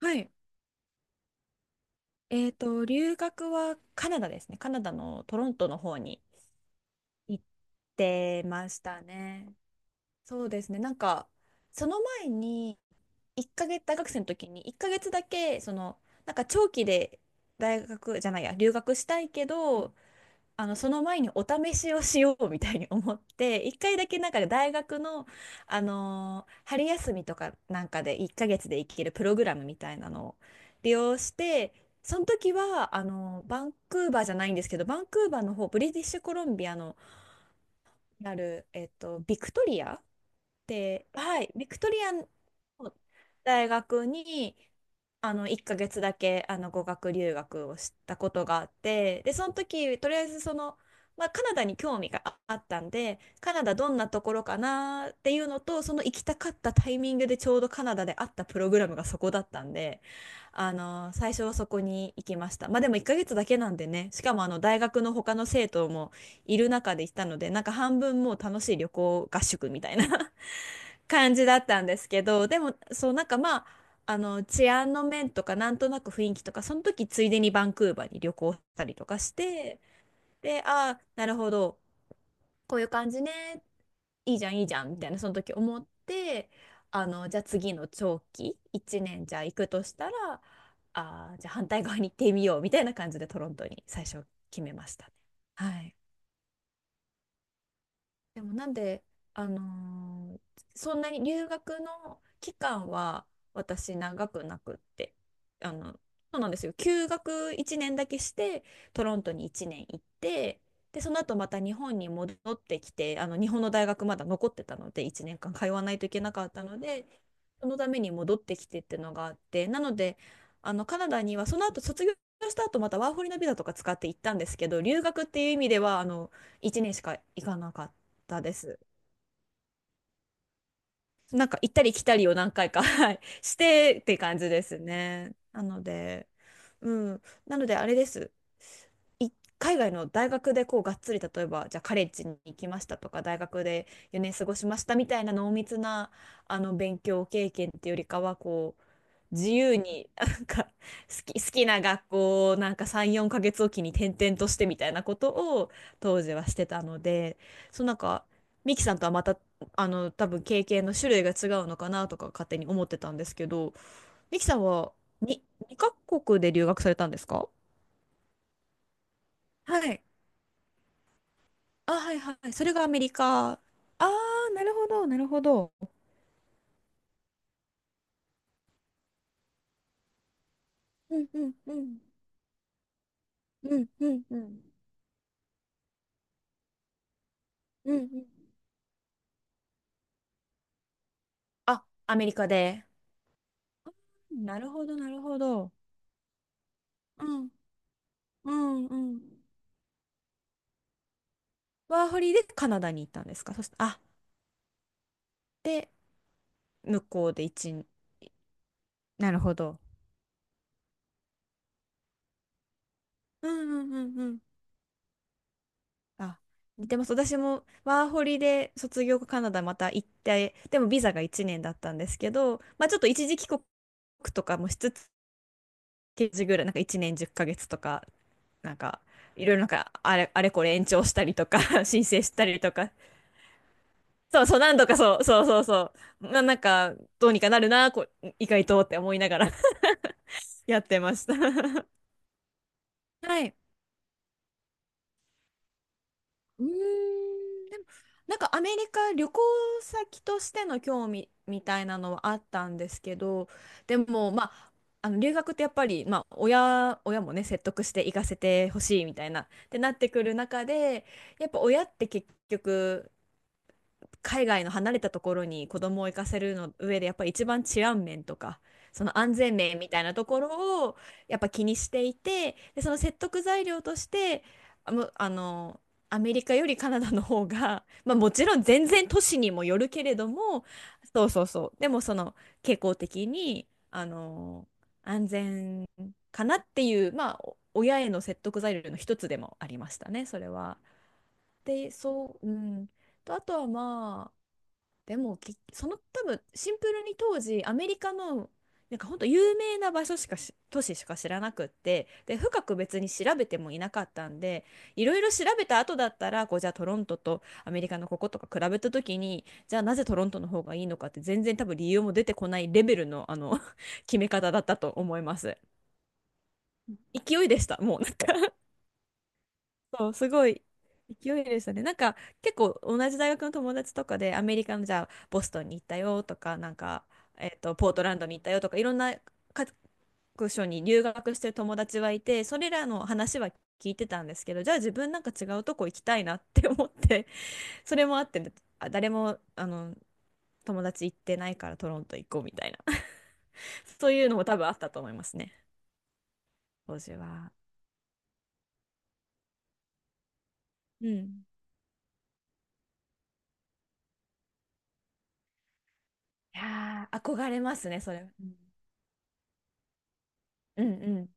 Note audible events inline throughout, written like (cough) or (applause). はい。留学はカナダですね。カナダのトロントの方に行ってましたね。そうですね。その前に、1ヶ月、大学生の時に1ヶ月だけ、長期で、大学じゃないや、留学したいけど、その前にお試しをしようみたいに思って、一回だけ、大学の、春休みとかなんかで1ヶ月で行けるプログラムみたいなのを利用して、その時はバンクーバーじゃないんですけど、バンクーバーの方、ブリティッシュコロンビアのある、ビクトリアで、はい、ビクトリアの大学に1ヶ月だけ語学留学をしたことがあって、でその時とりあえずまあ、カナダに興味があったんで、カナダどんなところかなっていうのと、その行きたかったタイミングでちょうどカナダであったプログラムがそこだったんで、最初はそこに行きました。まあでも1ヶ月だけなんでね、しかも大学の他の生徒もいる中で行ったので、なんか半分もう楽しい旅行合宿みたいな感じだったんですけど、でも、そう、なんかまあ、治安の面とか、なんとなく雰囲気とか、その時、ついでにバンクーバーに旅行したりとかして、で、ああ、なるほど、こういう感じね、いいじゃん、いいじゃん、みたいな、その時思って、じゃあ次の長期、1年じゃあ行くとしたら、ああ、じゃあ反対側に行ってみよう、みたいな感じでトロントに最初決めましたね。はい。でもなんで、あのーそんなに留学の期間は私長くなくって、あの、そうなんですよ。休学1年だけして、トロントに1年行って、で、その後また日本に戻ってきて、日本の大学まだ残ってたので、1年間通わないといけなかったので、そのために戻ってきてっていうのがあって、なので、カナダにはその後卒業した後、またワーホリのビザとか使って行ったんですけど、留学っていう意味では、1年しか行かなかったです。なんか行ったり来たりを何回か、(laughs) はい、してって感じですね。なので、うん。なのであれです。い海外の大学でこうがっつり、例えばじゃあカレッジに行きましたとか、大学で4年過ごしましたみたいな濃密な勉強経験っていうよりかは、こう自由になんか好きな学校をなんか3、4ヶ月おきに転々としてみたいなことを当時はしてたので、そう、なんかミキさんとはまた多分経験の種類が違うのかなとか勝手に思ってたんですけど、ミキさんはに2カ国で留学されたんですか？はい。あ、はいはい。それがアメリカ。ああ、なるほど。うんうんうん。うんうんうん。うんうん。あ、アメリカで。なるほど、なるほど。うん。うんうん。ワーホリでカナダに行ったんですか、そして、あ、で、向こうで一年、なるほど。うんうんうんうん。あ、似てます。私もワーホリで卒業後カナダまた行って、でもビザが1年だったんですけど、まあちょっと一時帰国とかもしつつ、時ぐらい、なんか1年10ヶ月とかなんか、いろいろなんか、あれ、あれこれ延長したりとか、 (laughs) 申請したりとか、そうそう、何度かそう、そうそうそう、まあ、なんか、どうにかなるな、こう、意外とって思いながら、 (laughs) やってました。 (laughs) はい。うーん、なんかアメリカ旅行先としての興味みたいなのはあったんですけど、でも、まあ、留学ってやっぱり、まあ、親もね、説得して行かせてほしいみたいな、ってなってくる中で、やっぱ親って結局、海外の離れたところに子供を行かせるの上でやっぱり一番治安面とか、その安全面みたいなところをやっぱ気にしていて、でその説得材料として、あむあのアメリカよりカナダの方が、(laughs) まあ、もちろん全然都市にもよるけれども、そうそうそう、でもその傾向的に安全かなっていう、まあ、お親への説得材料の一つでもありましたねそれは。でそう、うん、とあとはまあ、でもその多分シンプルに当時アメリカの、なんか本当有名な場所しかし都市しか知らなくって、で深く別に調べてもいなかったんで、いろいろ調べた後だったらこう、じゃあトロントとアメリカのこことか比べた時にじゃあなぜトロントの方がいいのかって全然多分理由も出てこないレベルの、(laughs) 決め方だったと思います。勢いでしたもう、なんか、そう、すごい勢いでしたね。なんか結構同じ大学の友達とかでアメリカのじゃあボストンに行ったよとか、なんか、ポートランドに行ったよとか、いろんな各所に留学してる友達はいて、それらの話は聞いてたんですけど、じゃあ自分なんか違うとこ行きたいなって思って、(laughs) それもあって、誰も友達行ってないからトロント行こうみたいな、(laughs) そういうのも多分あったと思いますね、当時は。うん。いやー、憧れますね、それ。うんうんうん。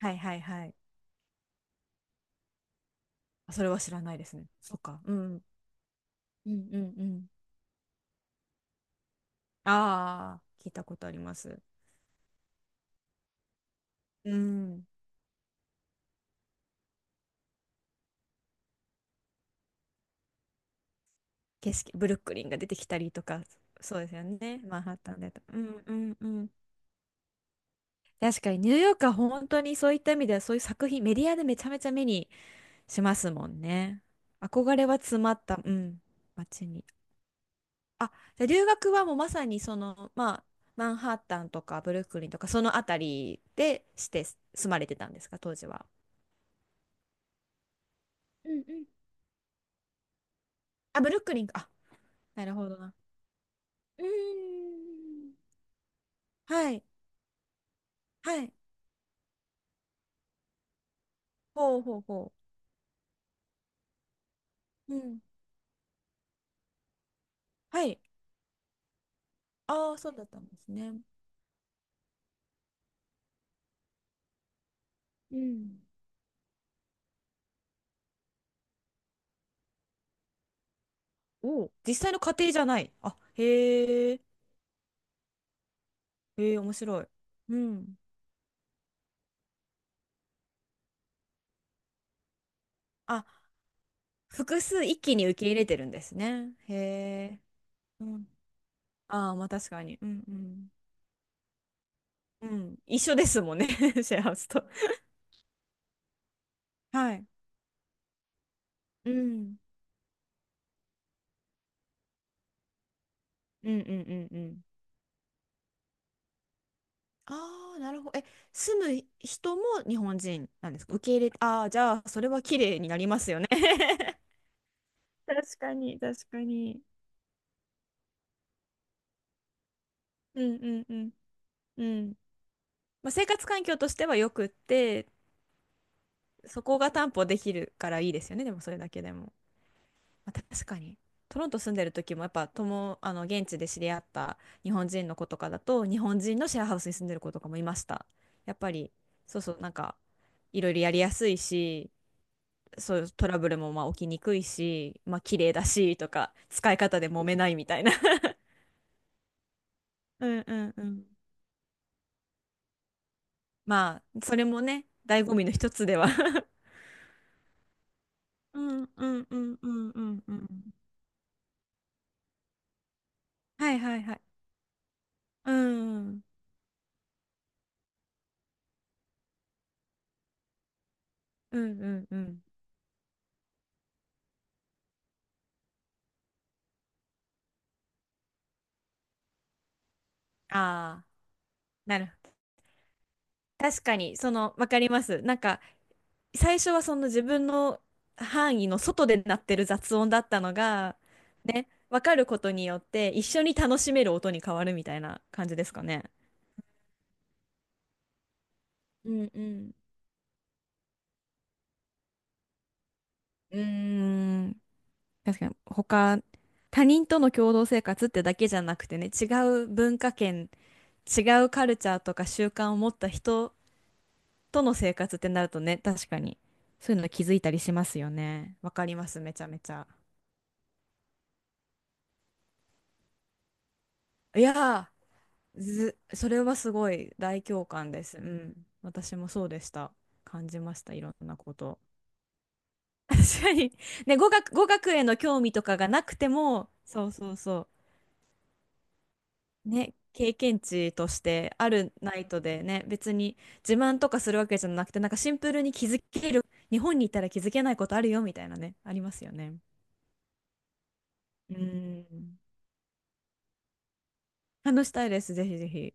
はいはいはい。あ、それは知らないですね。そっか。うん。うんうんうん。ああ、聞いたことあります。うん。景色、ブルックリンが出てきたりとか、そうですよね。マンハッタンでと。うんうんうん。確かにニューヨークは本当にそういった意味ではそういう作品、メディアでめちゃめちゃ目にしますもんね。憧れは詰まった、うん、街に。あ、じゃあ留学はもうまさにその、まあ、マンハッタンとかブルックリンとかそのあたりでして、住まれてたんですか、当時は？ううん、うん。あ、ブルックリンか。あ、なるほどな。うーん。はい。はい。ほうほうほう。うん。はい。ああ、そうだったんですね。うん。おお、実際の家庭じゃない。あ、へえ。へえ、面白い。うん。あ、複数一気に受け入れてるんですね。へえ。うん。ああ、まあ確かに。うんうん。うん。一緒ですもんね。(laughs) シェアハウスと。はい。うん。うんうんうんうん。ああ、なるほど。え、住む人も日本人なんですか、受け入れああ、じゃあ、それは綺麗になりますよね。 (laughs) 確かに、確かに。うんうんうん。うん。まあ、生活環境としてはよくって、そこが担保できるからいいですよね、でもそれだけでも。まあ、確かに。トロント住んでる時もやっぱ現地で知り合った日本人の子とかだと、日本人のシェアハウスに住んでる子とかもいました。やっぱり、そうそう、なんか、いろいろやりやすいし、そういうトラブルもまあ起きにくいし、まあ綺麗だしとか、使い方で揉めないみたいな。(laughs) うんうんうん。まあ、それもね、醍醐味の一つでは。 (laughs) うんうんうんうんうんうん。はいはいはい。うんうんうんうん。ああ、なるほど。確かに、その、わかります。なんか、最初はその自分の範囲の外で鳴ってる雑音だったのが、ね、わかることによって、一緒に楽しめる音に変わるみたいな感じですかね。うんうん。うーん、確かに他人との共同生活ってだけじゃなくてね、違う文化圏、違うカルチャーとか習慣を持った人との生活ってなるとね、確かにそういうの気づいたりしますよね。わかります、めちゃめちゃ。いやー、ず、それはすごい大共感です。うん、私もそうでした。感じました、いろんなこと。(laughs) 確かに。ね、語学への興味とかがなくても、そうそうそう。ね、経験値としてあるナイトでね、別に自慢とかするわけじゃなくて、なんかシンプルに気づける、日本にいたら気づけないことあるよみたいなね、ありますよね。うん。話したいです、ぜひぜひ。